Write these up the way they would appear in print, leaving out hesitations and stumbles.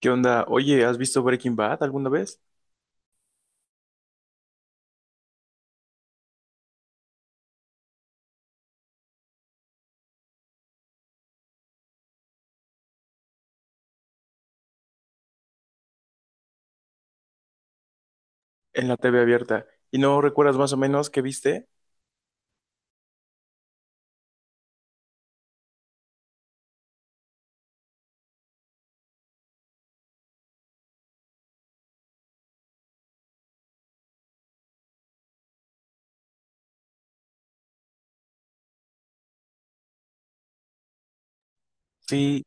¿Qué onda? Oye, ¿has visto Breaking Bad alguna vez? En la TV abierta. ¿Y no recuerdas más o menos qué viste? Sí,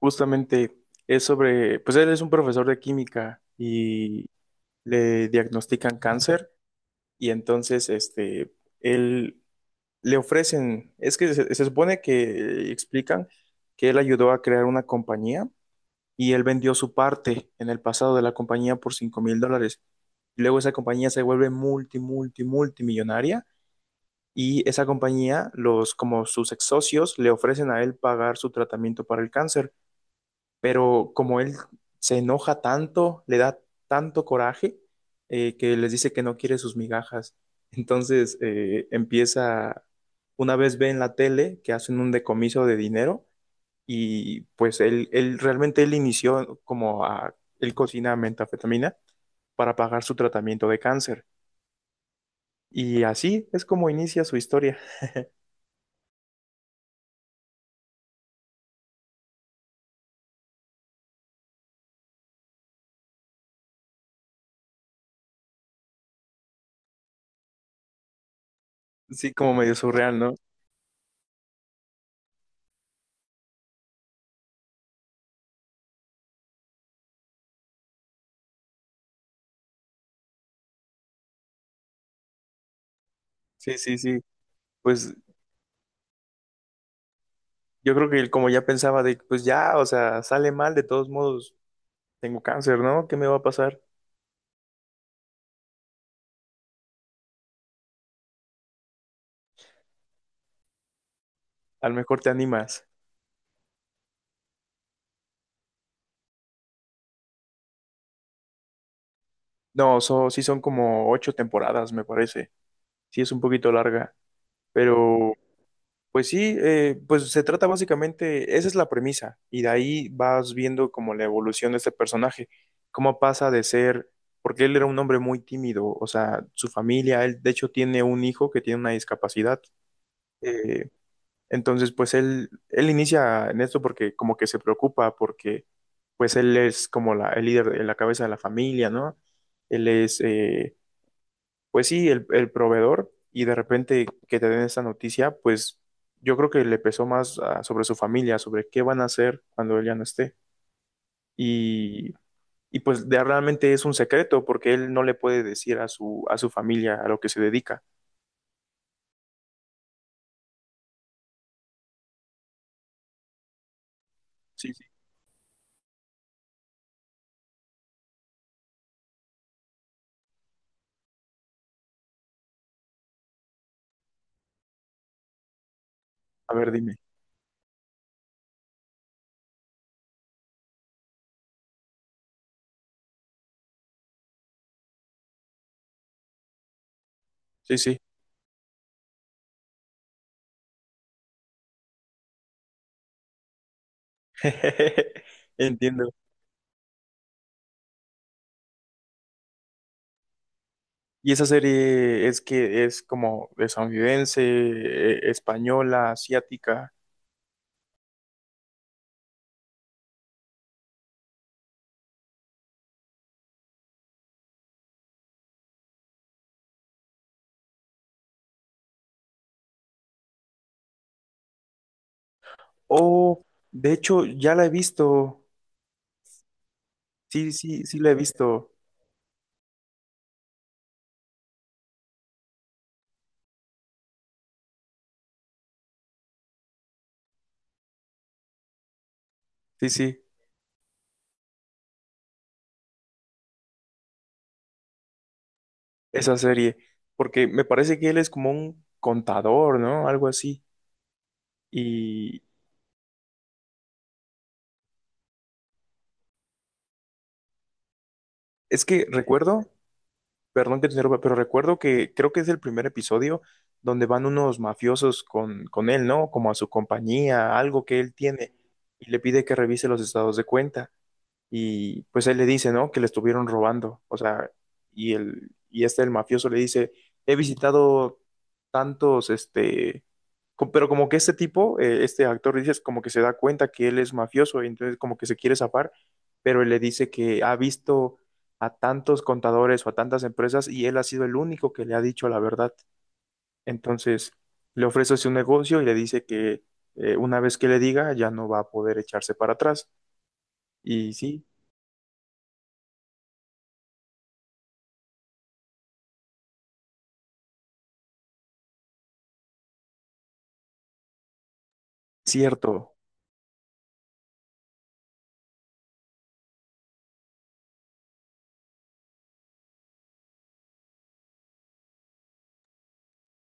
justamente es sobre, pues él es un profesor de química y le diagnostican cáncer y entonces, él le ofrecen, es que se supone que explican que él ayudó a crear una compañía y él vendió su parte en el pasado de la compañía por $5,000. Luego esa compañía se vuelve multimillonaria y esa compañía, los, como sus ex socios, le ofrecen a él pagar su tratamiento para el cáncer. Pero como él se enoja tanto, le da tanto coraje, que les dice que no quiere sus migajas. Entonces empieza, una vez ve en la tele que hacen un decomiso de dinero y pues él realmente él inició como a, él cocina metafetamina para pagar su tratamiento de cáncer. Y así es como inicia su historia. Sí, como medio surreal, ¿no? Sí, sí, sí. Pues yo creo que él como ya pensaba de, pues ya, o sea, sale mal, de todos modos, tengo cáncer, ¿no? ¿Qué me va a pasar? A lo mejor te animas. No, sí son como 8 temporadas, me parece. Sí es un poquito larga, pero pues sí, pues se trata básicamente, esa es la premisa, y de ahí vas viendo como la evolución de este personaje, cómo pasa de ser, porque él era un hombre muy tímido, o sea, su familia, él de hecho tiene un hijo que tiene una discapacidad, eh, entonces pues él inicia en esto porque como que se preocupa, porque pues él es como la, el líder, la cabeza de la familia, ¿no? Él es, pues sí, el proveedor y de repente que te den esta noticia, pues yo creo que le pesó más sobre su familia, sobre qué van a hacer cuando él ya no esté. Y, y pues realmente es un secreto porque él no le puede decir a su familia a lo que se dedica. Sí, sí. A ver, dime. Sí, sí. Entiendo. Y esa serie es que es como estadounidense, española, asiática. Oh, de hecho, ya la he visto. Sí, sí, sí la he visto. Sí, sí, esa serie, porque me parece que él es como un contador, ¿no? Algo así. Y es que recuerdo, perdón que te interrumpa, pero recuerdo que creo que es el primer episodio donde van unos mafiosos con él, ¿no? Como a su compañía, algo que él tiene, y le pide que revise los estados de cuenta. Y pues él le dice, ¿no? Que le estuvieron robando, o sea, y el, y este, el mafioso le dice, he visitado tantos, pero como que este tipo, este actor, dices, como que se da cuenta que él es mafioso, y entonces como que se quiere zafar, pero él le dice que ha visto a tantos contadores o a tantas empresas y él ha sido el único que le ha dicho la verdad. Entonces le ofrece su negocio y le dice que una vez que le diga ya no va a poder echarse para atrás. Y sí, cierto.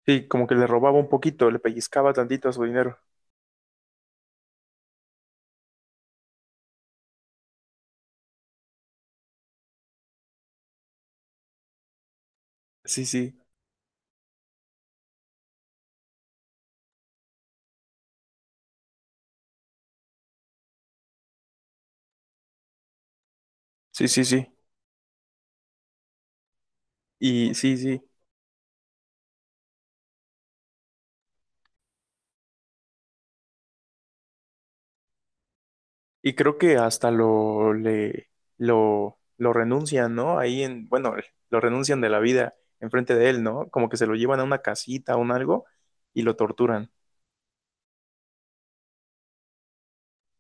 Sí, como que le robaba un poquito, le pellizcaba tantito a su dinero. Sí, sí, sí, sí, sí. Y sí, sí. Y creo que hasta lo renuncian, ¿no? Ahí en, bueno, lo renuncian de la vida enfrente de él, ¿no? Como que se lo llevan a una casita o un algo y lo torturan.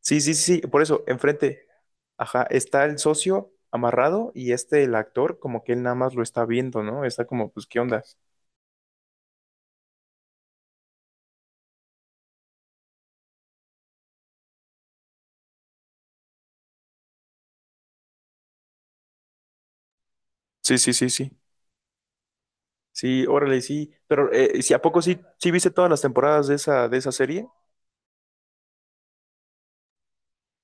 Sí, sí, sí, sí. Por eso, enfrente, ajá, está el socio amarrado y el actor, como que él nada más lo está viendo, ¿no? Está como, pues, ¿qué onda? Sí, sí, sí, sí. Sí, órale, sí. Pero, ¿sí, a poco sí, sí viste todas las temporadas de esa serie?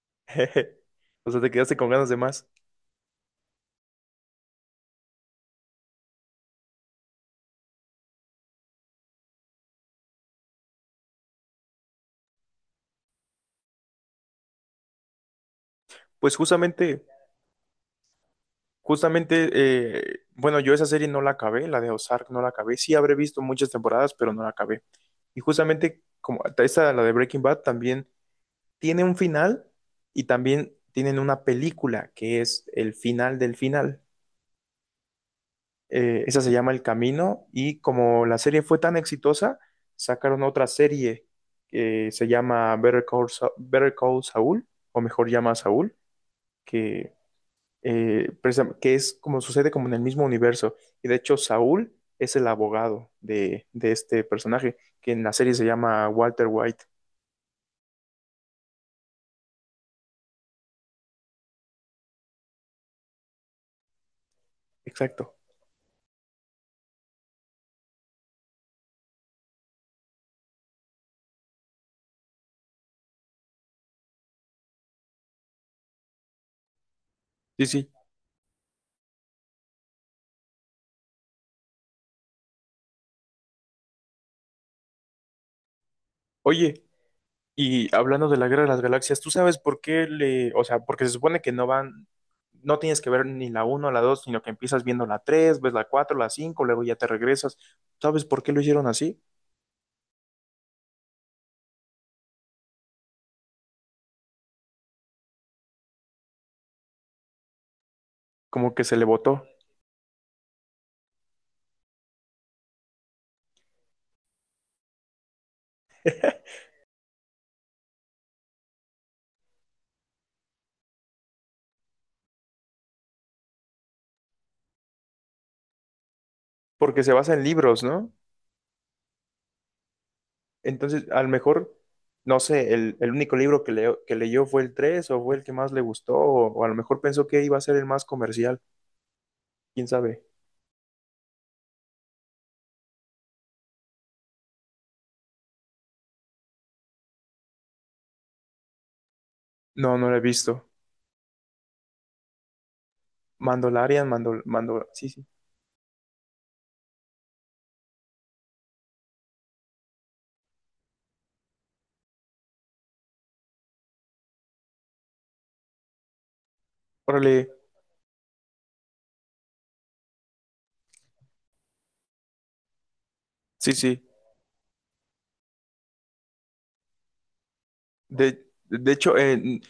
Jeje. O sea, te quedaste con ganas de más. Pues justamente, justamente, bueno, yo esa serie no la acabé, la de Ozark no la acabé. Sí habré visto muchas temporadas, pero no la acabé. Y justamente, como esta, la de Breaking Bad, también tiene un final y también tienen una película que es el final del final. Esa se llama El Camino y como la serie fue tan exitosa, sacaron otra serie que se llama Better Call Saul, o mejor llama a Saúl, que, que es como sucede como en el mismo universo. Y de hecho Saúl es el abogado de este personaje, que en la serie se llama Walter White. Exacto. Sí, sí. Oye, y hablando de la Guerra de las Galaxias, ¿tú sabes por qué le, o sea, porque se supone que no van, no tienes que ver ni la uno o la 2, sino que empiezas viendo la 3, ves la 4, la 5, luego ya te regresas? ¿Sabes por qué lo hicieron así? Como que se le votó, porque se basa en libros, ¿no? Entonces, a lo mejor, no sé, el, único libro que leyó fue el 3 o fue el que más le gustó, o a lo mejor pensó que iba a ser el más comercial, quién sabe. No, no lo he visto. Mandalorian, Mandol, Mandol, sí, sí. Órale, sí, sí. De hecho, en-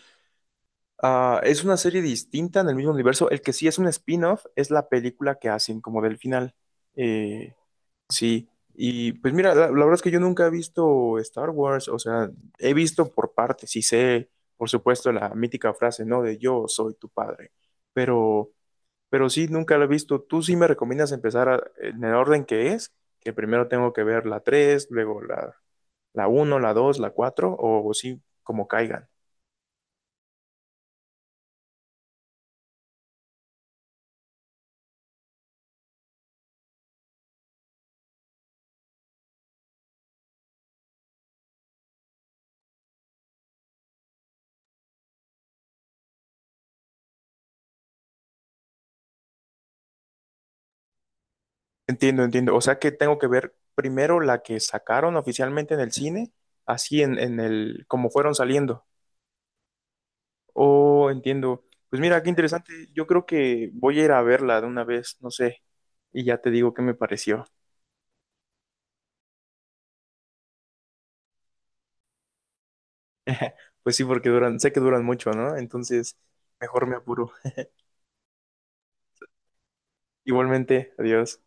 ah, es una serie distinta en el mismo universo. El que sí es un spin-off es la película que hacen como del final. Eh, sí, y pues mira, la verdad es que yo nunca he visto Star Wars, o sea, he visto por partes y sé, por supuesto, la mítica frase, ¿no? De yo soy tu padre, pero, pero sí, nunca la he visto. ¿Tú sí me recomiendas empezar en el orden que es? Que primero tengo que ver la 3, luego la uno, la 2, la 4. O sí, como caigan. Entiendo, entiendo. O sea que tengo que ver primero la que sacaron oficialmente en el cine, así en, el, como fueron saliendo. Oh, entiendo. Pues mira, qué interesante. Yo creo que voy a ir a verla de una vez, no sé, y ya te digo qué me pareció. Pues sí, porque duran, sé que duran mucho, ¿no? Entonces, mejor me apuro. Igualmente, adiós.